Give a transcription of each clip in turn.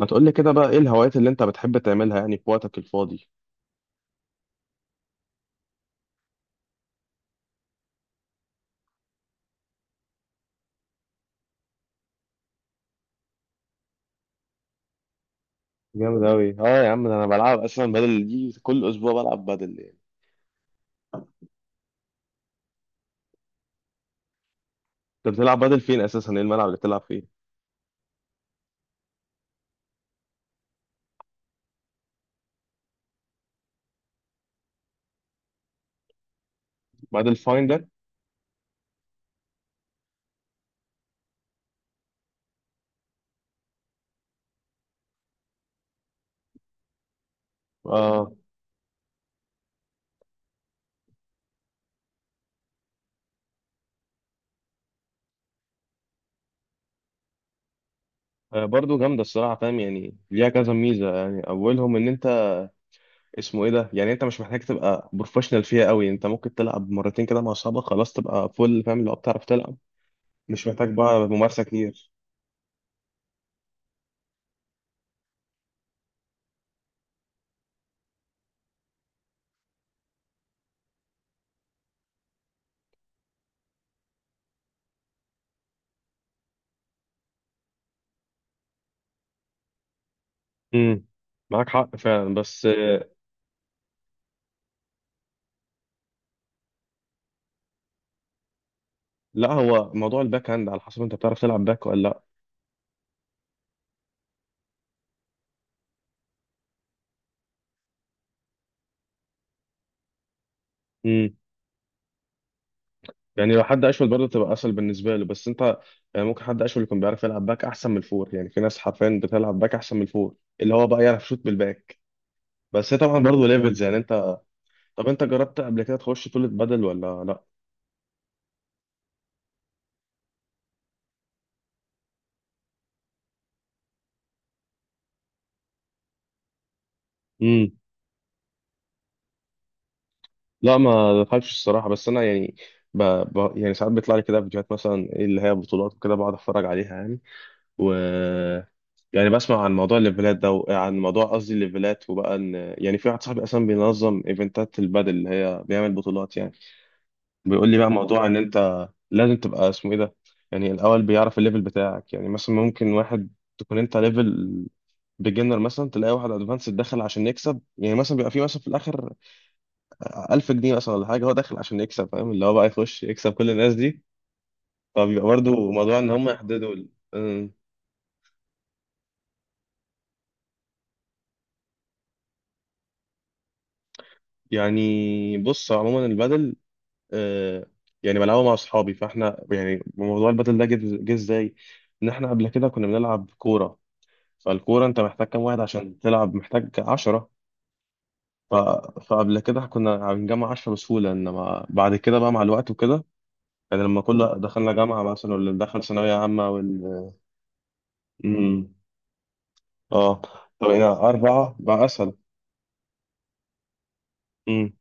ما تقول لي كده بقى ايه الهوايات اللي انت بتحب تعملها يعني في وقتك الفاضي؟ جامد أوي، اه يا عم، ده انا بلعب اصلا بدل دي كل اسبوع بلعب بدل يعني. انت بتلعب بدل فين اساسا؟ ايه الملعب اللي بتلعب فيه؟ بدل فايندر. آه. آه، برضو جامدة الصراحة، فاهم يعني ليها كذا ميزة، يعني أولهم إن أنت اسمه إيه ده، يعني أنت مش محتاج تبقى بروفيشنال فيها أوي، أنت ممكن تلعب مرتين كده مع أصحابك خلاص تبقى فول، فاهم اللي هو بتعرف تلعب، مش محتاج بقى ممارسة كتير. امم. معاك حق فعلا، بس. لا، هو موضوع الباك هاند على حسب أنت بتعرف تلعب باك ولا لأ. امم. يعني لو حد اشول برضه تبقى اسهل بالنسبه له، بس انت يعني ممكن حد اشول يكون بيعرف يلعب باك احسن من الفور، يعني في ناس حرفيا بتلعب باك احسن من الفور، اللي هو بقى يعرف يشوط بالباك، بس هي طبعا برضه ليفلز يعني انت. طب انت جربت قبل كده تخش طولة بدل ولا لا؟ امم. لا، ما دخلتش الصراحه، بس انا يعني ب... يعني ساعات بيطلع لي كده فيديوهات مثلا، إيه اللي هي بطولات وكده، بقعد اتفرج عليها يعني. و يعني بسمع عن موضوع الليفلات ده، وعن موضوع، قصدي الليفلات، وبقى ان يعني في واحد صاحبي اصلا بينظم ايفنتات البادل اللي هي بيعمل بطولات يعني، بيقول لي بقى موضوع ان انت لازم تبقى اسمه ايه ده، يعني الاول بيعرف الليفل بتاعك، يعني مثلا ممكن واحد تكون انت ليفل بيجنر مثلا، تلاقي واحد ادفانس دخل عشان يكسب، يعني مثلا بيبقى في مثلا في الاخر 1000 جنيه مثلا ولا حاجه، هو داخل عشان يكسب، فاهم اللي هو بقى يخش يكسب كل الناس دي، فبيبقى برضو موضوع ان هم يحددوا. أمم. يعني بص، عموما البدل. آه، يعني بلعبه مع اصحابي، فاحنا يعني موضوع البدل ده جه. جه ازاي؟ ان احنا قبل كده كنا بنلعب كوره، فالكورة انت محتاج كام واحد عشان تلعب، محتاج 10. ف... فقبل كده كنا بنجمع 10 بسهولة، انما بعد كده بقى مع الوقت وكده، يعني لما كل دخلنا جامعة مثلا، واللي دخل ثانوية عامة. امم. اه. فبقينا أربعة بقى أسهل. امم.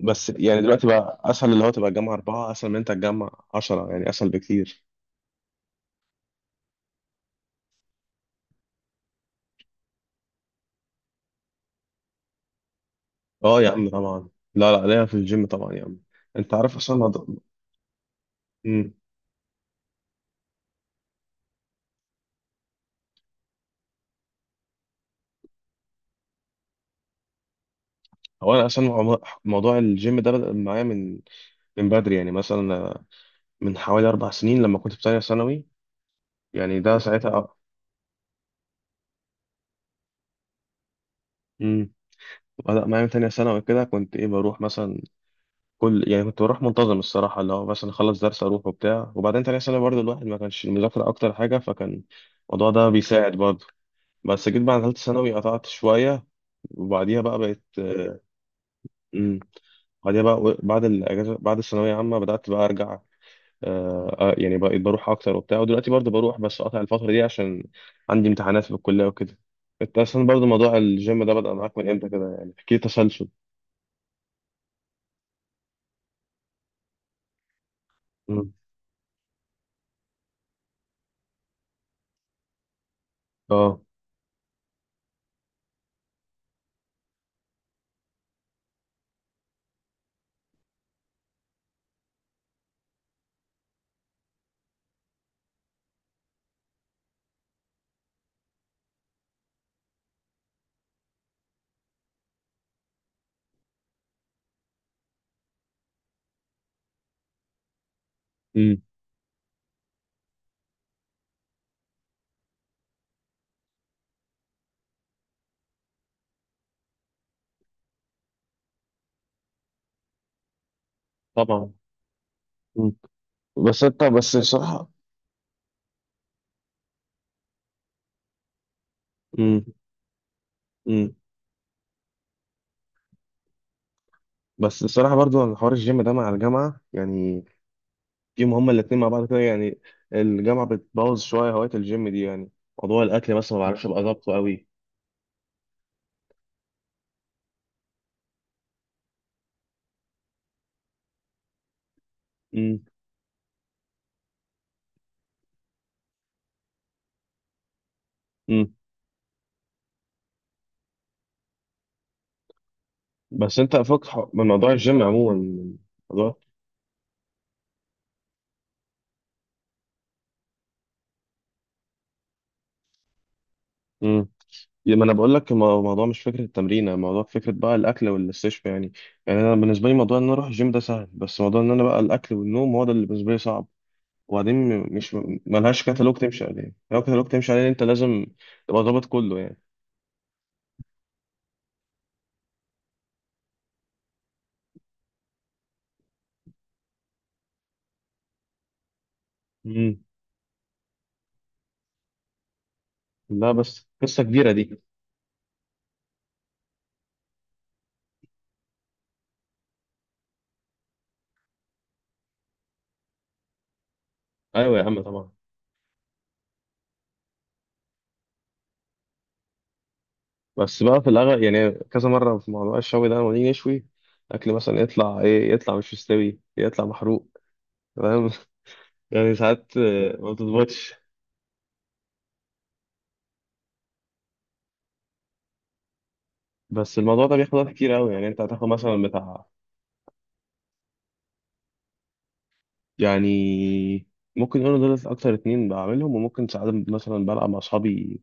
بس يعني دلوقتي بقى أسهل، اللي هو تبقى تجمع أربعة أسهل من انت تجمع 10، يعني أسهل بكتير. اه يا عم طبعا. لا، لا، ليا في الجيم طبعا يا عم. انت عارف اصلا موضوع. امم. هو انا اصلا موضوع الجيم ده بدأ معايا من بدري، يعني مثلا من حوالي 4 سنين لما كنت في تانية ثانوي. يعني ده ساعتها. امم. بدأ معايا من تانية ثانوي كده، كنت إيه، بروح مثلا يعني كنت بروح منتظم الصراحة، اللي هو مثلا أخلص درس أروح وبتاع، وبعدين تانية ثانوي برضه الواحد ما كانش المذاكرة أكتر حاجة، فكان الموضوع ده بيساعد برضه. بس جيت بعد تالتة ثانوي قطعت شوية، وبعديها بقى بقيت. امم. بعديها بقى بعد الأجازة بعد الثانوية عامة بدأت بقى أرجع، يعني بقيت بروح اكتر وبتاع، ودلوقتي برضه بروح بس قاطع الفتره دي عشان عندي امتحانات في الكليه وكده. انت اصلا برضه موضوع الجيم ده بدأ معاك من امتى كده؟ يعني احكي لي تسلسل. مم. اه. مم. طبعا. مم. بس انت، بس الصراحه. مم. مم. بس الصراحه برضه، أنا حوار الجيم ده مع الجامعه يعني، فيهم هما الاتنين مع بعض كده يعني، الجامعه بتبوظ شويه هوايه الجيم دي يعني، موضوع الاكل بس ما بعرفش ابقى ضابطه قوي. مم. مم. بس انت فك من موضوع الجيم عموما، من موضوع، ما انا بقول لك، الموضوع مش فكره التمرين، الموضوع فكره بقى الاكل والاستشفاء يعني، يعني انا بالنسبه لي موضوع ان انا اروح الجيم ده سهل، بس موضوع ان انا بقى الاكل والنوم هو ده اللي بالنسبه لي صعب، وبعدين مش ملهاش كتالوج تمشي عليه، لو كتالوج تمشي عليه انت لازم تبقى ضابط كله يعني. امم. لا، بس قصه كبيره دي. ايوه يا عم طبعا. بس بقى في الاغلب يعني، كذا مره في موضوع الشوي ده لما نيجي نشوي الاكل مثلا، يطلع ايه، يطلع مش مستوي، يطلع محروق، فاهم يعني ساعات ما بتظبطش. بس الموضوع ده بياخد وقت كتير قوي يعني، انت هتاخد مثلا بتاع. يعني ممكن يقولوا دول اكتر اتنين بعملهم، وممكن ساعات مثلا بلعب مع اصحابي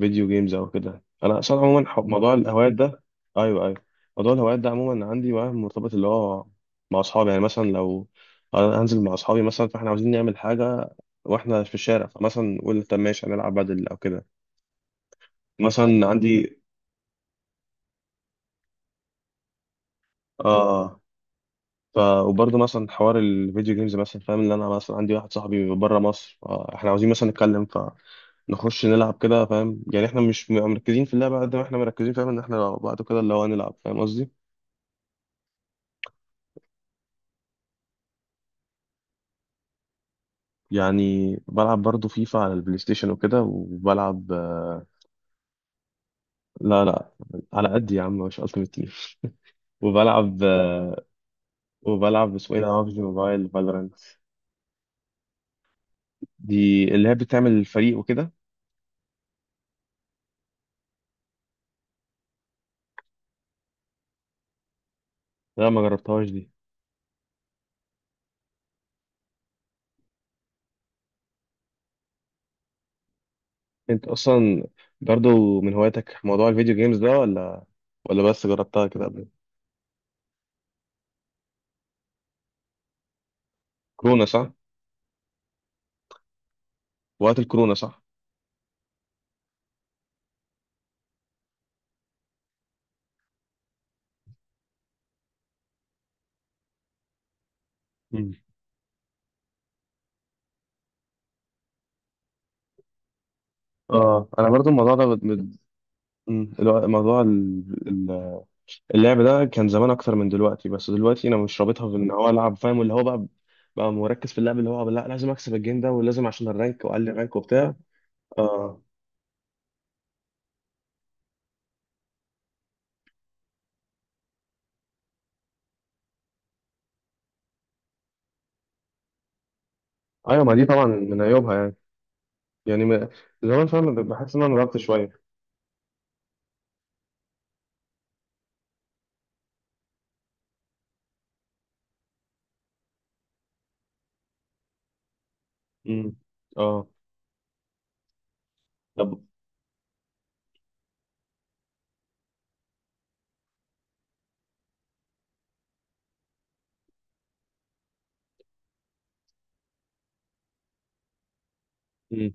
فيديو جيمز او كده، انا اصلا عموما موضوع الهوايات ده. ايوه ايوه. موضوع الهوايات ده عموما عندي معاه مرتبط، اللي هو مع اصحابي، يعني مثلا لو انا هنزل مع اصحابي مثلا فاحنا عاوزين نعمل حاجه واحنا في الشارع، فمثلا نقول طب ماشي هنلعب بدل او كده. مثلا عندي. اه. وبرضه مثلا حوار الفيديو جيمز، مثلا فاهم اللي انا مثلا عندي واحد صاحبي بره مصر، فاحنا عاوزين مثلا نتكلم فنخش نلعب كده، فاهم يعني احنا مش مركزين في اللعبه قد ما احنا مركزين، فاهم ان احنا لو بعد كده اللي هو هنلعب، فاهم قصدي. يعني بلعب برضه فيفا على البلاي ستيشن وكده، وبلعب. لا، لا، على قد يا عم مش التيمت تيم، وبلعب، وبلعب اسمه ايه ده، ببجي موبايل، فالورانت. دي اللي هي بتعمل الفريق وكده. لا، ما جربتهاش دي. انت اصلا برضو من هواياتك موضوع الفيديو جيمز ده، ولا بس جربتها كده قبل؟ كورونا صح؟ وقت الكورونا صح. مم. اه انا برضو الموضوع ده. مم. موضوع اللعب ده كان زمان اكتر من دلوقتي، بس دلوقتي انا مش رابطها بان هو العب، فاهم اللي هو بقى مركز في اللعب، اللي هو لا، لازم اكسب الجيم ده ولازم عشان الرانك، واقلل الرانك وبتاع. اه ايوه، ما دي طبعا من عيوبها يعني. يعني زمان فاهم، بحس ان انا ضغطت شويه. امم. اه طب. مم.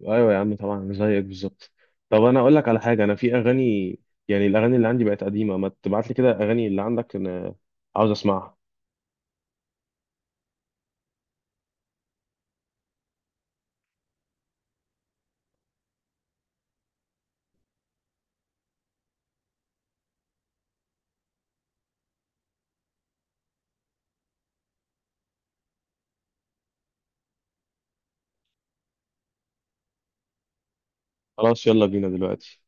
ايوه يا عم طبعا زيك بالظبط. طب انا اقول لك على حاجه، انا في اغاني يعني الاغاني اللي عندي بقت قديمه، ما تبعت لي كده اغاني اللي عندك، انا عاوز اسمعها. خلاص، يلا بينا دلوقتي.